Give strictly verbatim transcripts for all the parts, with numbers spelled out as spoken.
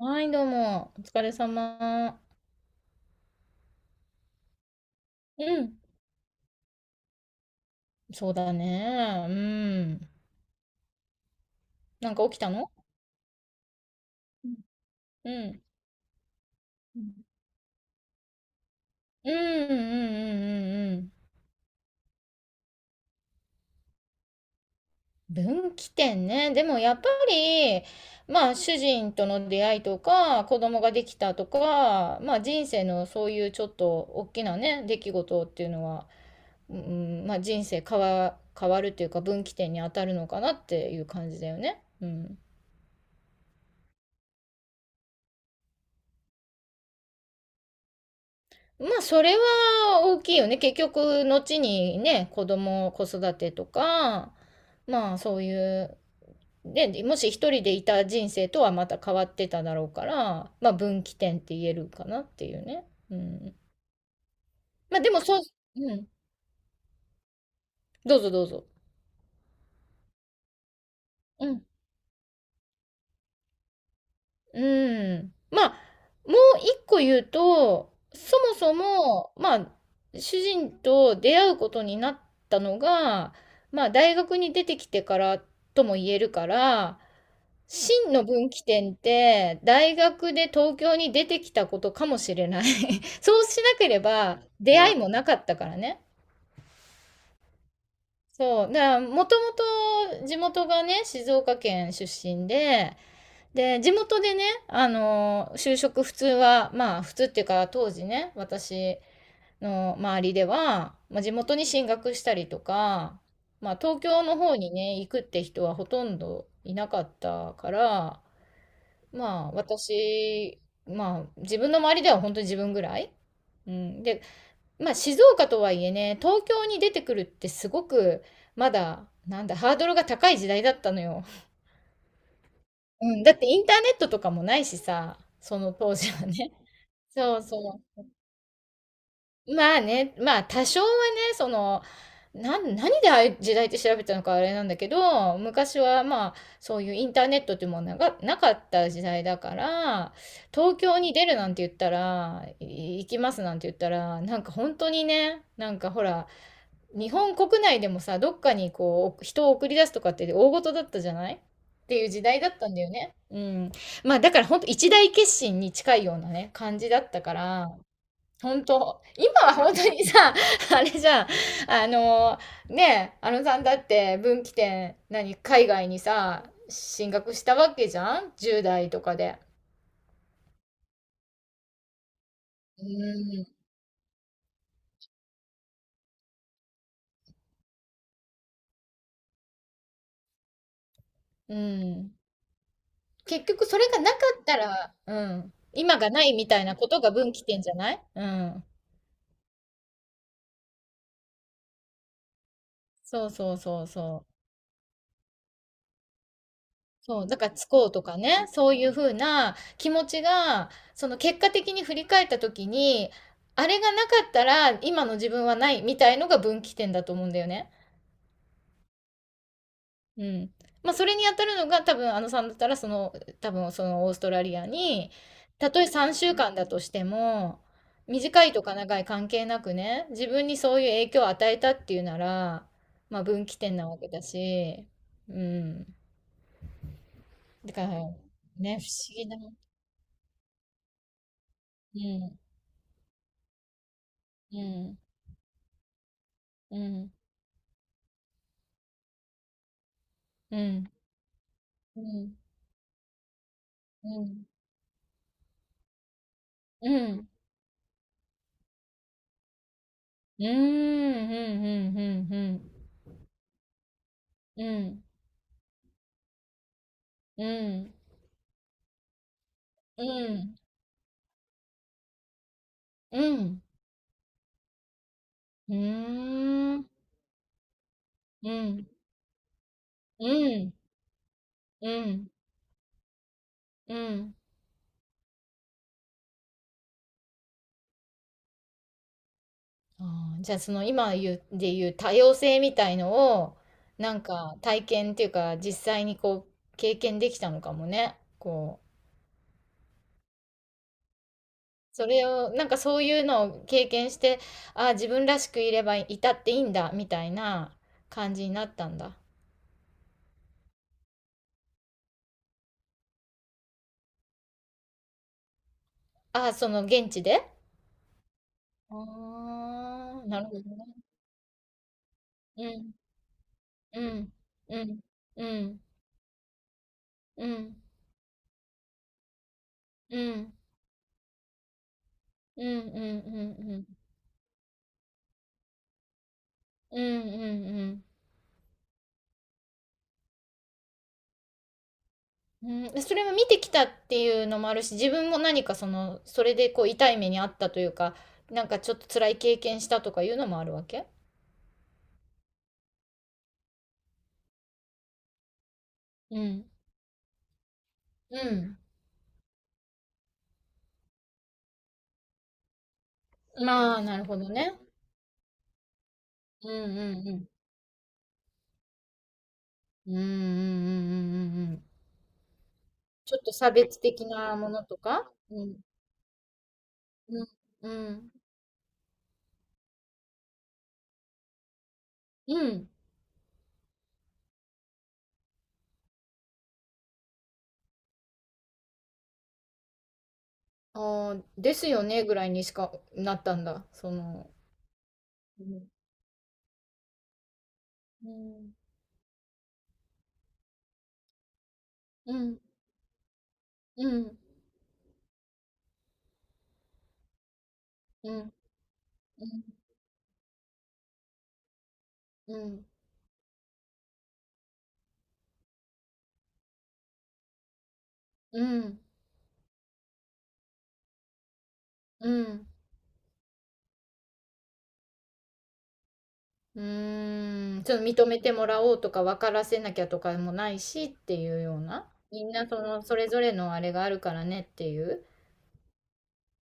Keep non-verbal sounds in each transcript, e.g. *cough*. はい、どうも。お疲れ様。うん。そうだね。うん。なんか起きたのうん。うん。うんうんうんうんうんうん分岐点ね。でもやっぱり、まあ主人との出会いとか、子供ができたとか、まあ人生のそういうちょっと大きなね、出来事っていうのは、うん、まあ人生変わ、変わるっていうか分岐点に当たるのかなっていう感じだよね。うん。まあ、それは大きいよね。結局、後にね、子供、子育てとか、まあ、そういう、で、もし一人でいた人生とはまた変わってただろうから、まあ、分岐点って言えるかなっていうね。うん。まあ、でも、そう、うん。どうぞどうぞ。うん。うん。まあ、もう一個言うと、そもそも、まあ、主人と出会うことになったのが、まあ、大学に出てきてからとも言えるから、真の分岐点って、大学で東京に出てきたことかもしれない。*laughs* そうしなければ出会いもなかったからね。そう。だから、もともと地元がね、静岡県出身で、で、地元でね、あの、就職普通は、まあ、普通っていうか、当時ね、私の周りでは、まあ、地元に進学したりとか、まあ、東京の方にね、行くって人はほとんどいなかったから、まあ、私、まあ、自分の周りでは本当に自分ぐらい。うん。で、まあ、静岡とはいえね、東京に出てくるってすごく、まだ、なんだ、ハードルが高い時代だったのよ。うん。だってインターネットとかもないしさ、その当時はね。そうそう。まあね、まあ多少はね、その、なん、何でああいう時代って調べたのかあれなんだけど、昔はまあ、そういうインターネットっていうものがなかった時代だから、東京に出るなんて言ったら、い行きますなんて言ったら、なんか本当にね、なんかほら、日本国内でもさ、どっかにこう、人を送り出すとかって大事だったじゃないっていう時代だったんだよね。うん。まあだから本当一大決心に近いようなね、感じだったから、本当今は本当にさ、*laughs* あれじゃん。あの、ねえ、あのさんだって分岐点、何、海外にさ、進学したわけじゃん？ じゅうだい 代とかで。うんうん。結局それがなかったら、うん。今がないみたいなことが分岐点じゃないうん。そうそうそうそう。そう、だから、つこうとかね、そういうふうな気持ちが、その結果的に振り返った時に、あれがなかったら今の自分はないみたいのが分岐点だと思うんだよね。うん。まあ、それに当たるのが多分、あのさんだったら、その、多分、そのオーストラリアに、たとえさんしゅうかんだとしても、短いとか長い関係なくね、自分にそういう影響を与えたっていうなら、まあ、分岐点なわけだし、うん。だから、ね、不思議な。うん。うん、うん、うん、うん、うん、うん、うん、うん、うん、うん、うん、うん、うん、うん、うん、うん、うん、うん、うん。あーじゃあその今言う、で言う多様性みたいのを、なんか体験っていうか実際にこう経験できたのかもね。こうそれを、なんかそういうのを経験して、ああ、自分らしくいればいたっていいんだ、みたいな感じになったんだ。ああ、その現地でああ、なるほどね。うん、うん、うん、うん、うん、うん、うん、うん、うん、うん、うん、うん、うん。それも見てきたっていうのもあるし、自分も何かその、それでこう痛い目にあったというか、なんかちょっと辛い経験したとかいうのもあるわけうん。うん。まあ、なるほどね。うんうんうん。うんうんうんうんうんうん。ちょっと差別的なものとかうん。うん。うん。うん。ああ、ですよねぐらいにしかなったんだ。その。うん。うん。うん。うん。うん。うん。うん。うん。うん。ちょっと認めてもらおうとか分からせなきゃとかもないしっていうような。みんなその、それぞれのあれがあるからねっていう。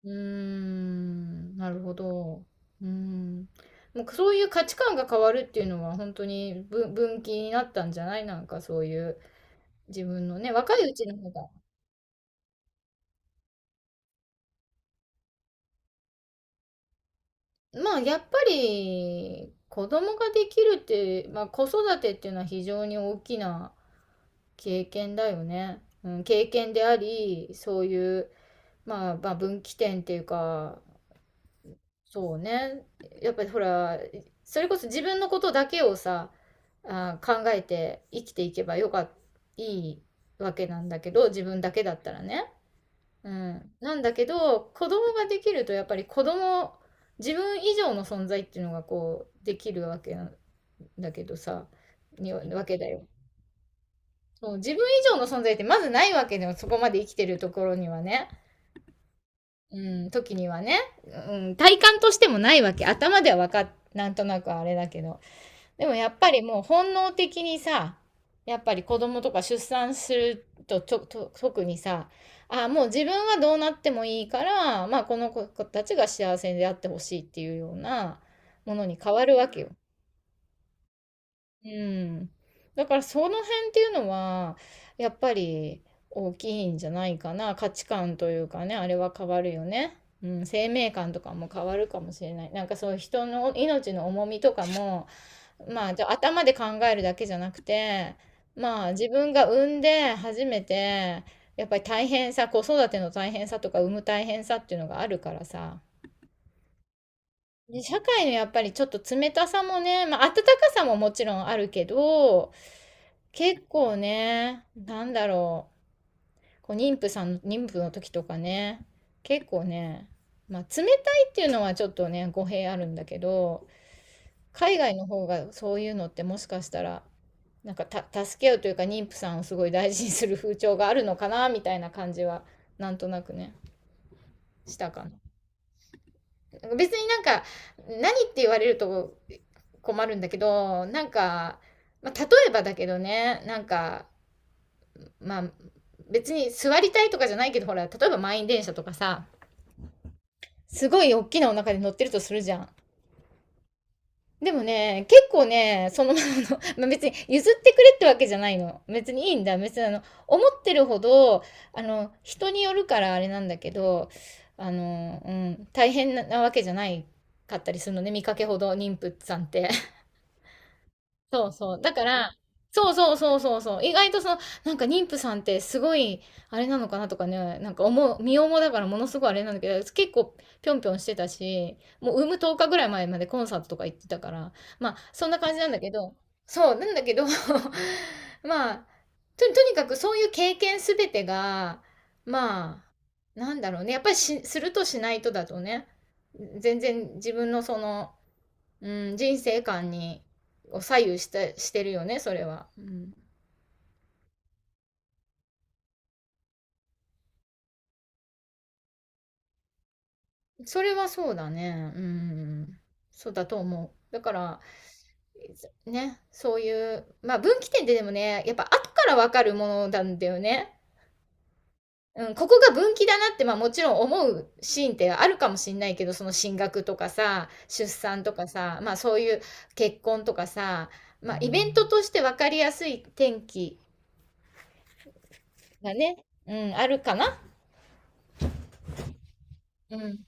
うーん、なるほど。うーん。もうそういう価値観が変わるっていうのは本当に分、分岐になったんじゃないなんかそういう自分のね、若いうちの方が。まあやっぱり子供ができるって、まあ子育てっていうのは非常に大きな経験だよね。うん、経験であり、そういう、まあ、まあ分岐点っていうか、そうね。やっぱりほら、それこそ自分のことだけをさ、あー、考えて生きていけばよかっ、いいわけなんだけど、自分だけだったらね。うん。なんだけど、子供ができるとやっぱり子供、自分以上の存在っていうのがこう、できるわけなんだけどさ、にわけだよ。そう、自分以上の存在ってまずないわけでも、そこまで生きてるところにはね。うん、時にはね、うん、体感としてもないわけ。頭ではわかっ、なんとなくあれだけど。でもやっぱりもう本能的にさ、やっぱり子供とか出産すると、と、と、特にさ、あ、もう自分はどうなってもいいから、まあこの子たちが幸せであってほしいっていうようなものに変わるわけよ。うん。だからその辺っていうのは、やっぱり大きいんじゃないかな。価値観というかね、あれは変わるよね。うん、生命観とかも変わるかもしれない。なんかそういう人の命の重みとかも、まあ、じゃあ頭で考えるだけじゃなくて、まあ自分が産んで初めて、やっぱり大変さ、子育ての大変さとか産む大変さっていうのがあるからさ。で、社会のやっぱりちょっと冷たさもね、まあ温かさももちろんあるけど、結構ね、なんだろう、こう妊婦さん、妊婦の時とかね、結構ね、まあ、冷たいっていうのはちょっとね、語弊あるんだけど、海外の方がそういうのってもしかしたら、なんかた、助け合うというか、妊婦さんをすごい大事にする風潮があるのかな、みたいな感じは、なんとなくね、したかな。別になんか、何って言われると困るんだけど、なんか、まあ、例えばだけどね、なんか、まあ、別に座りたいとかじゃないけど、ほら、例えば満員電車とかさ、すごい大きなお腹で乗ってるとするじゃん。でもね、結構ね、そのままの、*laughs* まあ、別に譲ってくれってわけじゃないの。別にいいんだ。別にあの、思ってるほど、あの、人によるからあれなんだけど、あの、うん、大変なわけじゃないかったりするのね、見かけほど妊婦さんって。そうそう。だから、そうそうそうそうそう。意外とその、なんか妊婦さんってすごい、あれなのかなとかね、なんか思う、身重だからものすごいあれなんだけど、結構ぴょんぴょんしてたし、もう産むとおかぐらい前までコンサートとか行ってたから、まあ、そんな感じなんだけど、そう、なんだけど *laughs* まあ、と、とにかくそういう経験すべてが、まあ、なんだろうね。やっぱりし、するとしないとだとね、全然自分のその、うん、人生観にを左右してしてるよね、それは。うん、それはそうだね。うん、そうだと思う。だから、ね、そういう、まあ分岐点ってでもね、やっぱ後からわかるものなんだよね。うん、ここが分岐だなって、まあもちろん思うシーンってあるかもしんないけど、その進学とかさ、出産とかさ、まあそういう結婚とかさ、まあイベントとして分かりやすい転機がね、うん、あるかな。うん